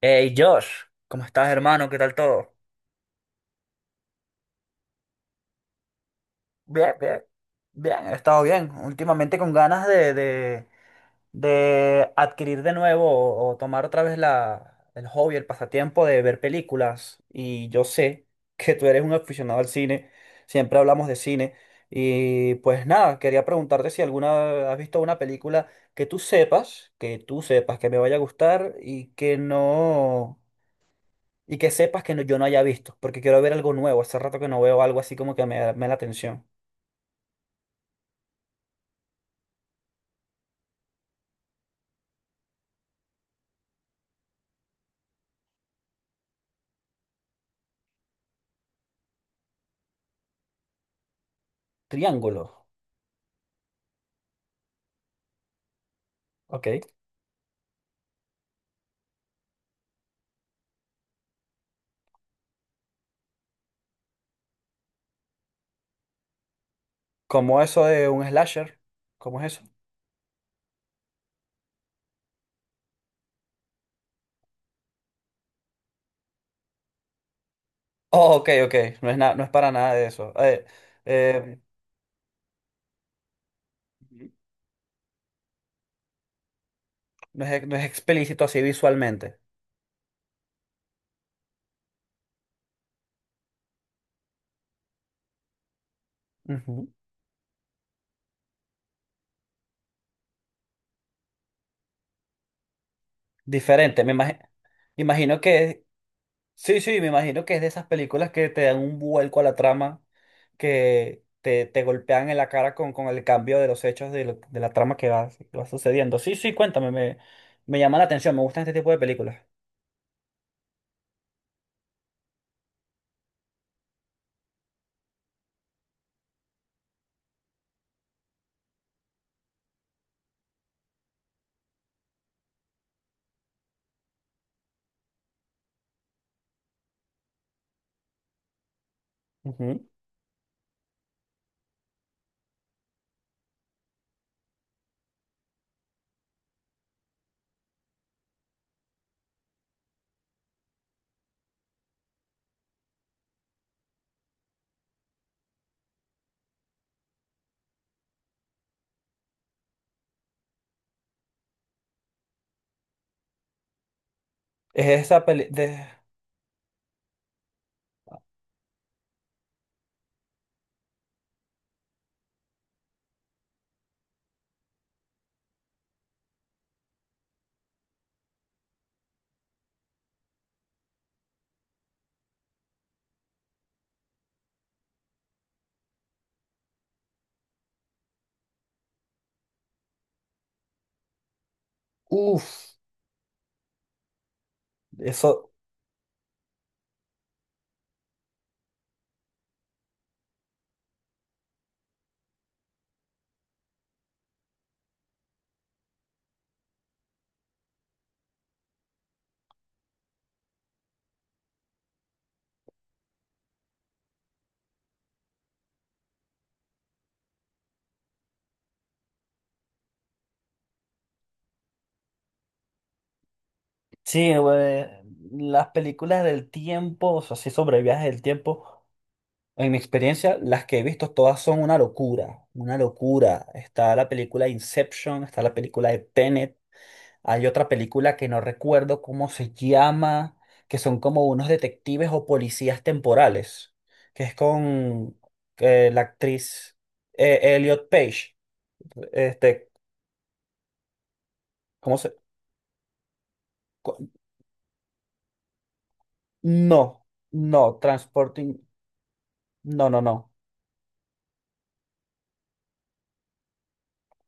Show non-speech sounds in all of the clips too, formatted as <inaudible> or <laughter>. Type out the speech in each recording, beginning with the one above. Hey Josh, ¿cómo estás, hermano? ¿Qué tal todo? Bien, bien, bien, he estado bien. Últimamente con ganas de adquirir de nuevo o tomar otra vez el hobby, el pasatiempo de ver películas. Y yo sé que tú eres un aficionado al cine, siempre hablamos de cine. Y pues nada, quería preguntarte si alguna has visto una película que tú sepas, que me vaya a gustar y que no. Y que sepas que yo no haya visto, porque quiero ver algo nuevo. Hace rato que no veo algo así como que me da la atención. Triángulo. Ok. ¿Cómo eso de un slasher? ¿Cómo es eso? Oh, ok, ok. No es, no es para nada de eso. Eh, Ujú. No es, no es explícito así visualmente. Ujú. Diferente. Imagino que sí, sí, me imagino que es de esas películas que te dan un vuelco a la trama, que te golpean en la cara con el cambio de los hechos de la trama que va sucediendo. Sí, sí, cuéntame, me llama la atención, me gustan este tipo de películas. Ujú. Es esa peli de... Uf, eso... Sí, güey, las películas del tiempo, o sea, sí, sobre viajes del tiempo, en mi experiencia, las que he visto todas son una locura, una locura. Está la película Inception, está la película de Tenet. Hay otra película que no recuerdo cómo se llama, que son como unos detectives o policías temporales, que es con la actriz Elliot Page. Este, ¿cómo se? co- No, no, Transporting. No, no, no.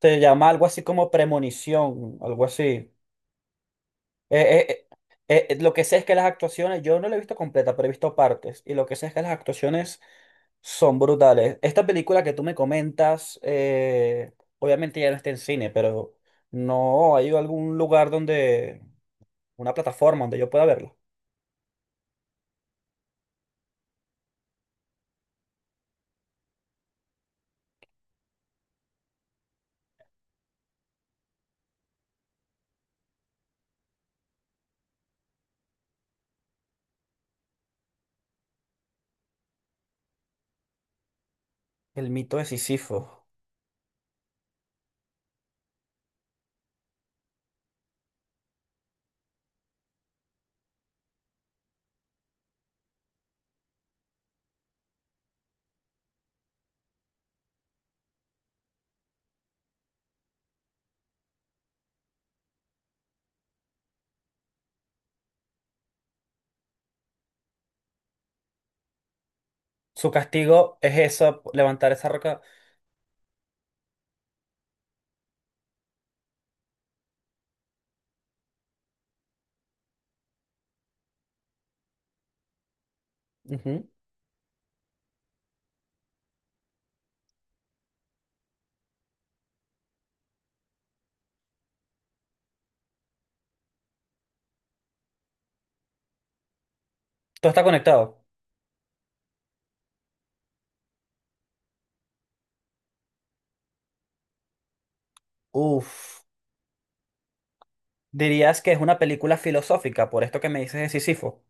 Se llama algo así como Premonición, algo así. Eh, eh, lo que sé es que las actuaciones, yo no la he visto completa, pero he visto partes. Y lo que sé es que las actuaciones son brutales. Esta película que tú me comentas, obviamente ya no está en cine, pero no hay algún lugar donde, una plataforma donde yo pueda verla. El mito de Sísifo. Su castigo es eso, levantar esa roca. Ujú. Todo está conectado. Uf. Dirías que es una película filosófica, por esto que me dices de Sísifo.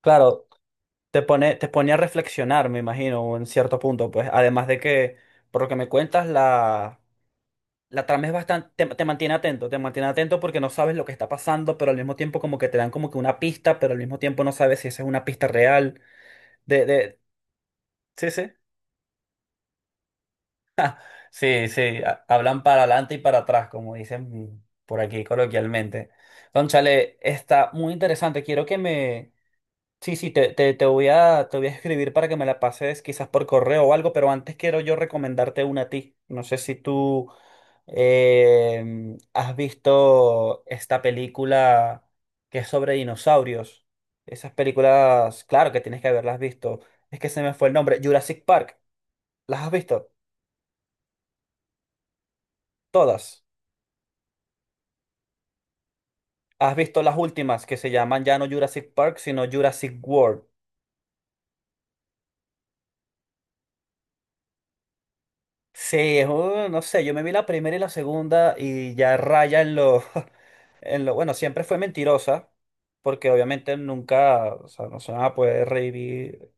Claro, te pone, te pone a reflexionar, me imagino, en cierto punto, pues. Además de que, por lo que me cuentas, la trama es bastante, te mantiene atento porque no sabes lo que está pasando, pero al mismo tiempo como que te dan como que una pista, pero al mismo tiempo no sabes si esa es una pista real. De, de, sí, sí. Sí, sí, hablan para adelante y para atrás, como dicen por aquí coloquialmente. Cónchale, está muy interesante. Quiero que me sí, sí, te voy a escribir para que me la pases quizás por correo o algo, pero antes quiero yo recomendarte una a ti. No sé si tú has visto esta película que es sobre dinosaurios. Esas películas, claro que tienes que haberlas visto. Es que se me fue el nombre. Jurassic Park. ¿Las has visto? Todas. ¿Has visto las últimas que se llaman ya no Jurassic Park, sino Jurassic World? Sí, es un- no sé, yo me vi la primera y la segunda y ya raya en lo... <laughs> en lo, bueno, siempre fue mentirosa, porque obviamente nunca, o sea, no se van a poder revivir,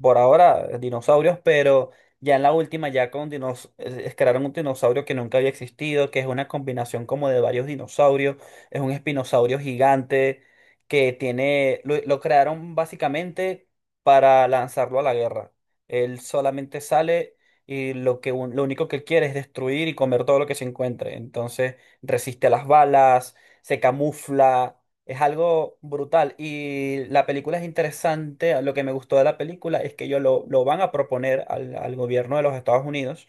por ahora dinosaurios, pero ya en la última ya con dinos crearon un dinosaurio que nunca había existido, que es una combinación como de varios dinosaurios, es un espinosaurio gigante que tiene, lo crearon básicamente para lanzarlo a la guerra. Él solamente sale y lo que lo único que él quiere es destruir y comer todo lo que se encuentre. Entonces resiste a las balas, se camufla, es algo brutal. Y la película es interesante. Lo que me gustó de la película es que ellos lo van a proponer al gobierno de los Estados Unidos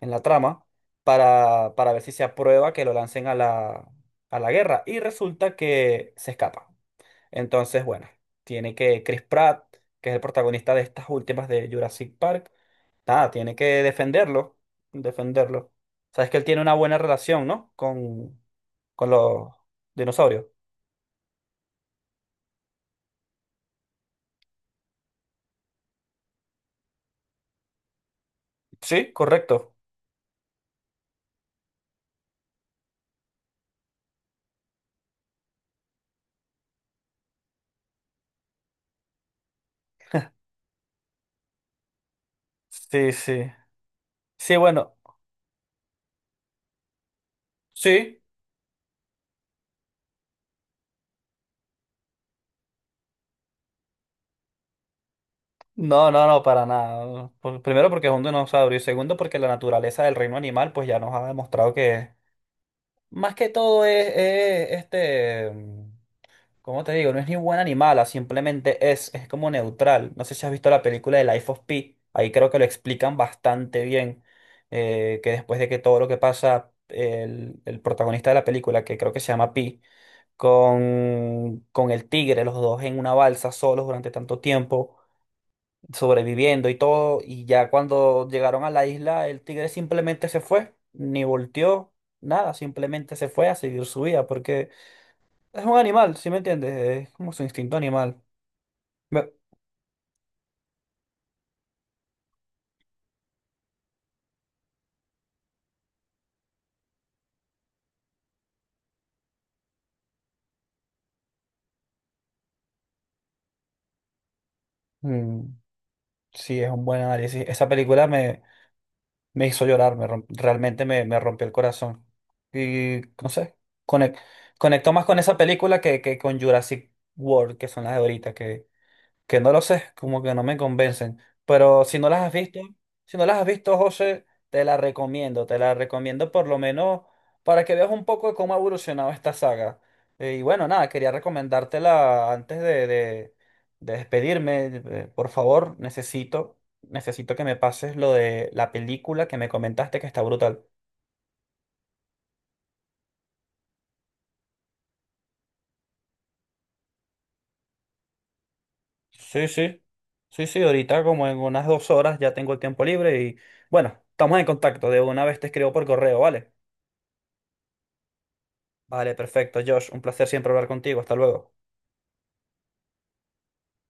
en la trama para ver si se aprueba que lo lancen a a la guerra. Y resulta que se escapa. Entonces, bueno, tiene que Chris Pratt, que es el protagonista de estas últimas de Jurassic Park, nada, tiene que defenderlo. Defenderlo. Sabes que él tiene una buena relación, ¿no? Con los dinosaurios. Sí, correcto. Sí, sí. Sí, bueno, sí. No, no, no, para nada. Por- primero porque es un dinosaurio y segundo porque la naturaleza del reino animal pues ya nos ha demostrado que más que todo es, este, mm, ¿cómo te digo? No es ni buen animal, ah, simplemente es como neutral. No sé si has visto la película de Life of Pi, ahí creo que lo explican bastante bien, que después de que todo lo que pasa, el protagonista de la película, que creo que se llama Pi, con el tigre, los dos en una balsa solos durante tanto tiempo, sobreviviendo y todo, y ya cuando llegaron a la isla, el tigre simplemente se fue, ni volteó, nada, simplemente se fue a seguir su vida, porque es un animal, ¿sí me entiendes? Es como su instinto animal. Ve- mm, sí, es un buen análisis. Esa película me hizo llorar, realmente me rompió el corazón. Y no sé, conec- conectó más con esa película que con Jurassic World, que son las de ahorita, que no lo sé, como que no me convencen. Pero si no las has visto, si no las has visto, José, te la recomiendo por lo menos para que veas un poco de cómo ha evolucionado esta saga. Y bueno, nada, quería recomendártela antes de despedirme. Eh, por favor, necesito, necesito que me pases lo de la película que me comentaste que está brutal. Sí, sí. Sí, sí, ahorita como en unas 2 horas ya tengo el tiempo libre y bueno, estamos en contacto. De una vez te escribo por correo, ¿vale? Vale, perfecto, Josh. Un placer siempre hablar contigo. Hasta luego.